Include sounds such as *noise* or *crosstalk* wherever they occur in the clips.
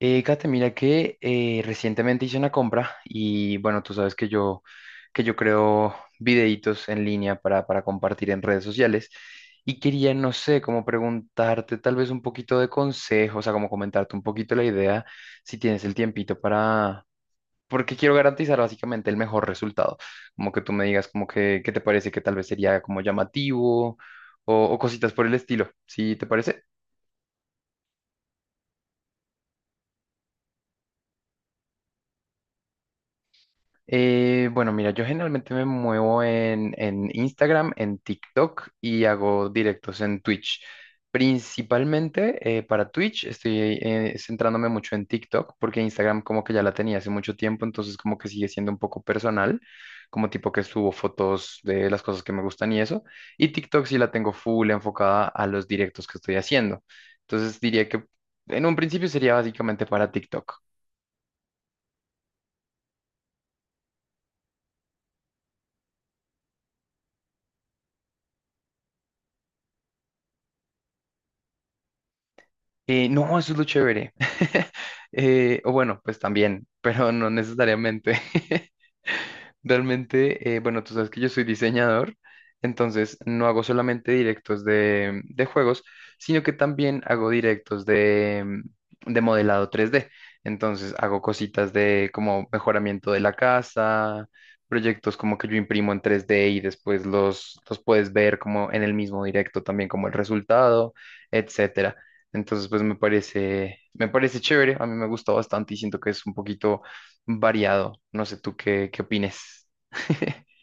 Kate, mira que recientemente hice una compra y bueno, tú sabes que yo creo videitos en línea para compartir en redes sociales y quería, no sé, como preguntarte tal vez un poquito de consejos, o sea, como comentarte un poquito la idea, si tienes el tiempito para, porque quiero garantizar básicamente el mejor resultado, como que tú me digas como que, qué te parece que tal vez sería como llamativo o cositas por el estilo, ¿sí te parece? Bueno, mira, yo generalmente me muevo en Instagram, en TikTok y hago directos en Twitch. Principalmente para Twitch estoy centrándome mucho en TikTok porque Instagram como que ya la tenía hace mucho tiempo, entonces como que sigue siendo un poco personal, como tipo que subo fotos de las cosas que me gustan y eso. Y TikTok sí la tengo full enfocada a los directos que estoy haciendo. Entonces diría que en un principio sería básicamente para TikTok. No, eso es lo chévere. *laughs* O bueno, pues también, pero no necesariamente. *laughs* Realmente, bueno, tú sabes que yo soy diseñador, entonces no hago solamente directos de juegos, sino que también hago directos de, de modelado 3D. Entonces hago cositas de como mejoramiento de la casa, proyectos como que yo imprimo en 3D y después los puedes ver como en el mismo directo también como el resultado, etcétera. Entonces, pues me parece chévere, a mí me gusta bastante y siento que es un poquito variado. No sé tú qué opines. *laughs*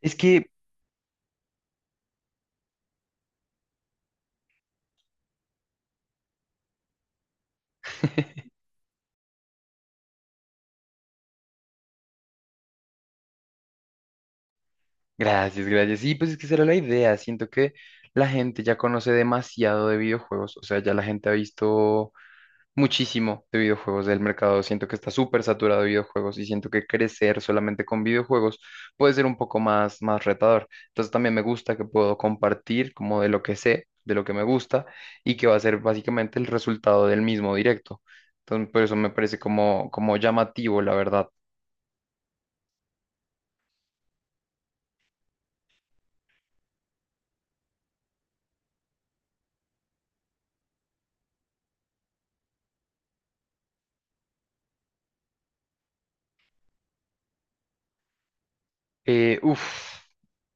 Es que, gracias, gracias. Sí, pues es que esa era la idea. Siento que la gente ya conoce demasiado de videojuegos. O sea, ya la gente ha visto muchísimo de videojuegos del mercado. Siento que está súper saturado de videojuegos y siento que crecer solamente con videojuegos puede ser un poco más retador. Entonces también me gusta que puedo compartir como de lo que sé, de lo que me gusta y que va a ser básicamente el resultado del mismo directo. Entonces, por eso me parece como, como llamativo, la verdad. Uf.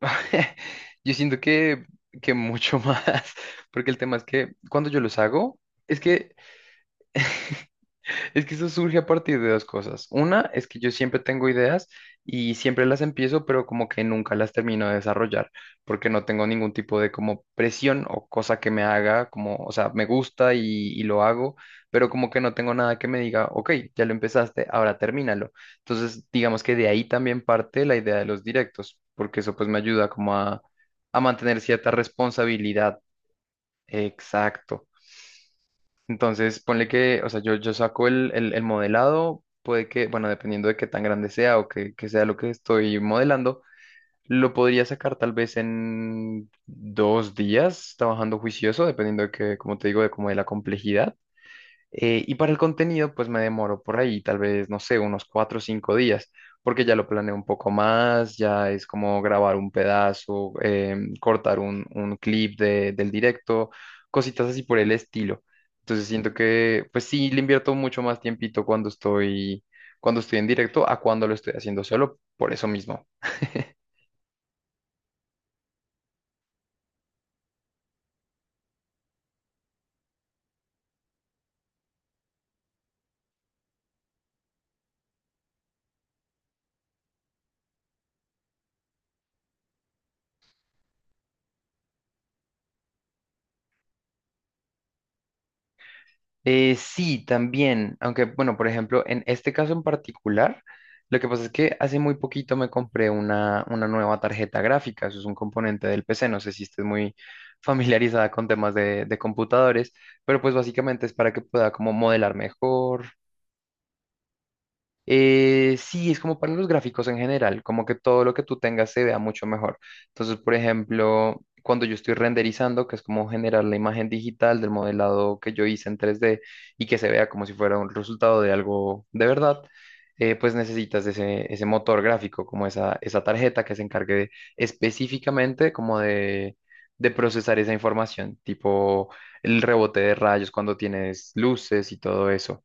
*laughs* Yo siento que mucho más, *laughs* porque el tema es que cuando yo los hago, es que es que eso surge a partir de dos cosas. Una es que yo siempre tengo ideas y siempre las empiezo, pero como que nunca las termino de desarrollar, porque no tengo ningún tipo de como presión o cosa que me haga, como, o sea, me gusta y lo hago, pero como que no tengo nada que me diga, ok, ya lo empezaste, ahora termínalo. Entonces, digamos que de ahí también parte la idea de los directos, porque eso pues me ayuda como a mantener cierta responsabilidad. Exacto. Entonces, ponle que, o sea, yo saco el modelado, puede que, bueno, dependiendo de qué tan grande sea o que sea lo que estoy modelando, lo podría sacar tal vez en 2 días, trabajando juicioso, dependiendo de que, como te digo, de como de la complejidad. Y para el contenido, pues me demoro por ahí, tal vez, no sé, unos 4 o 5 días, porque ya lo planeo un poco más, ya es como grabar un pedazo, cortar un clip del directo, cositas así por el estilo. Entonces siento que, pues sí, le invierto mucho más tiempito cuando estoy en directo a cuando lo estoy haciendo solo, por eso mismo. Sí, también, aunque bueno, por ejemplo, en este caso en particular, lo que pasa es que hace muy poquito me compré una nueva tarjeta gráfica, eso es un componente del PC, no sé si estés muy *laughs* familiarizada con temas de computadores, pero pues básicamente es para que pueda como modelar mejor, sí, es como para los gráficos en general, como que todo lo que tú tengas se vea mucho mejor. Entonces, por ejemplo, cuando yo estoy renderizando, que es como generar la imagen digital del modelado que yo hice en 3D y que se vea como si fuera un resultado de algo de verdad, pues necesitas ese motor gráfico, como esa tarjeta que se encargue específicamente como de procesar esa información, tipo el rebote de rayos cuando tienes luces y todo eso.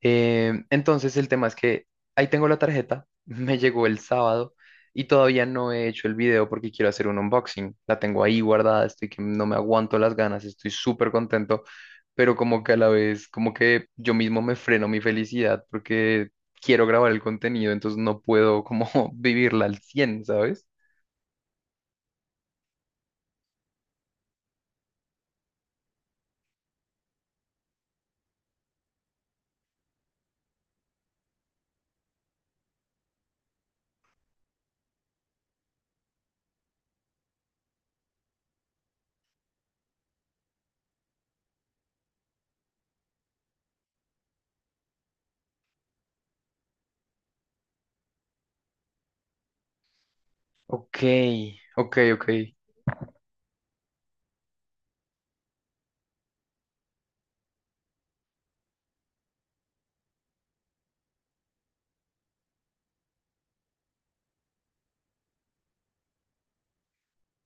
Entonces el tema es que ahí tengo la tarjeta, *laughs* me llegó el sábado y todavía no he hecho el video porque quiero hacer un unboxing. La tengo ahí guardada, estoy que no me aguanto las ganas, estoy súper contento, pero como que a la vez, como que yo mismo me freno mi felicidad porque quiero grabar el contenido, entonces no puedo como *laughs* vivirla al cien, ¿sabes? Ok, ok, ok.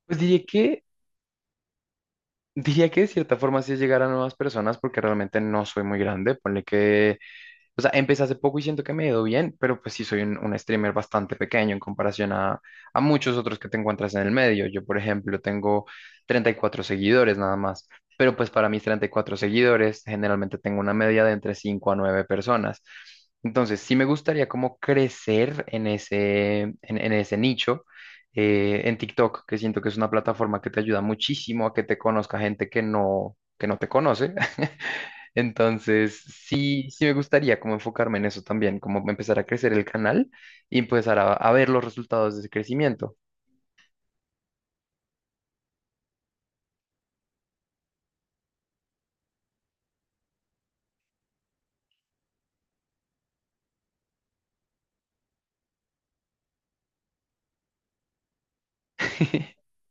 Pues diría diría que de cierta forma sí es llegar a nuevas personas porque realmente no soy muy grande. Ponle que. O sea, empecé hace poco y siento que me he ido bien, pero pues sí soy un streamer bastante pequeño en comparación a muchos otros que te encuentras en el medio. Yo, por ejemplo, tengo 34 seguidores nada más, pero pues para mis 34 seguidores generalmente tengo una media de entre 5 a 9 personas. Entonces, sí me gustaría como crecer en en ese nicho, en TikTok, que siento que es una plataforma que te ayuda muchísimo a que te conozca gente que no te conoce. Entonces, sí, sí me gustaría como enfocarme en eso también, como empezar a crecer el canal y empezar a ver los resultados de ese crecimiento. *laughs*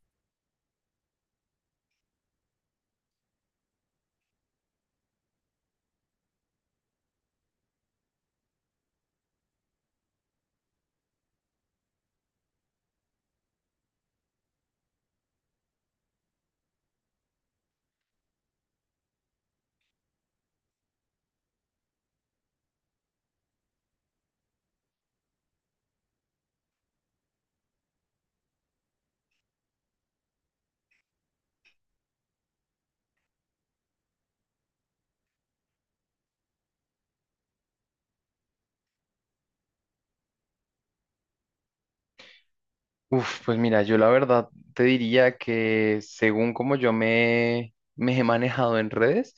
Uf, pues mira, yo la verdad te diría que según como yo me he manejado en redes,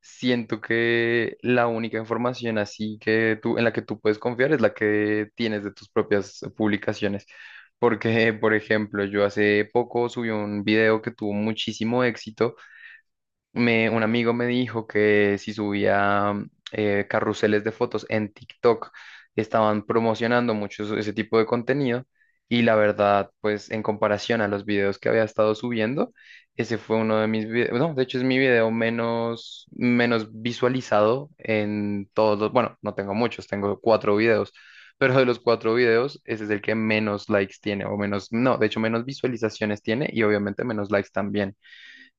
siento que la única información así que tú, en la que tú puedes confiar es la que tienes de tus propias publicaciones. Porque, por ejemplo, yo hace poco subí un video que tuvo muchísimo éxito me, un amigo me dijo que si subía carruseles de fotos en TikTok, estaban promocionando mucho ese tipo de contenido y la verdad, pues en comparación a los videos que había estado subiendo, ese fue uno de mis videos, no, de hecho es mi video menos, menos visualizado en todos los, bueno, no tengo muchos, tengo cuatro videos. Pero de los cuatro videos, ese es el que menos likes tiene, o menos, no, de hecho menos visualizaciones tiene y obviamente menos likes también.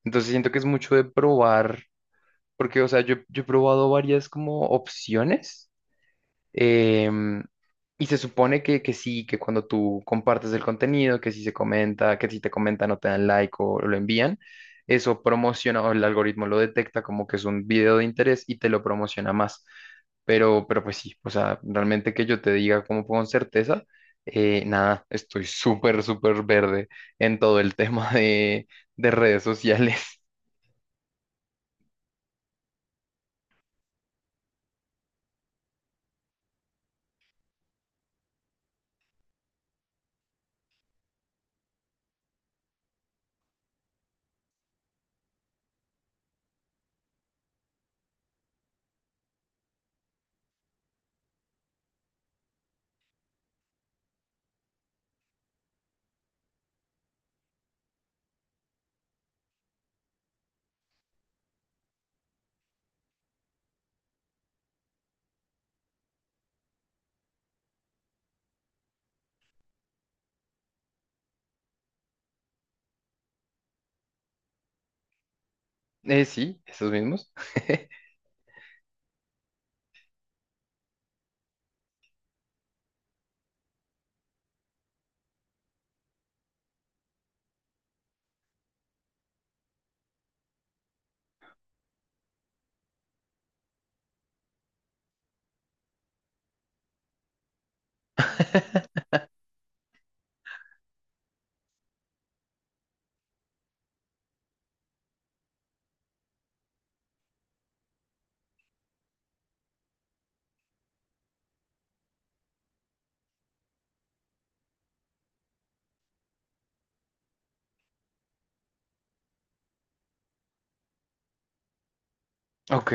Entonces siento que es mucho de probar, porque, o sea, yo he probado varias como opciones em, y se supone que sí, que cuando tú compartes el contenido, que si se comenta, que si te comentan o te dan like o lo envían, eso promociona o el algoritmo lo detecta como que es un video de interés y te lo promociona más. Pero pues sí, o sea, realmente que yo te diga como con certeza, nada, estoy súper, súper verde en todo el *laughs* tema de redes sociales. Sí, esos mismos. *laughs* Ok,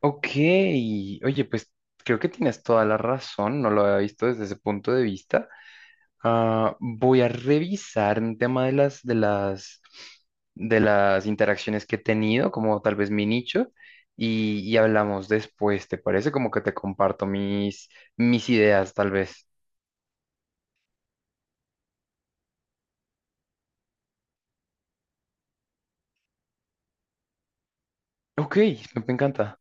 ok. Oye, pues creo que tienes toda la razón, no lo había visto desde ese punto de vista. Ah, voy a revisar un tema de de las interacciones que he tenido, como tal vez mi nicho, y hablamos después, ¿te parece? Como que te comparto mis ideas, tal vez. Ok, me encanta.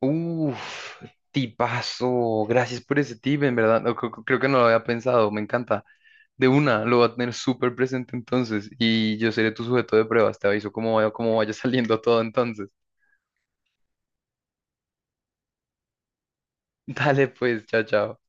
Uf, tipazo. Gracias por ese tip, en verdad. No, creo que no lo había pensado. Me encanta. De una, lo voy a tener súper presente entonces. Y yo seré tu sujeto de pruebas. Te aviso cómo vaya *laughs* saliendo todo entonces. *laughs* Dale, pues, chao, chao.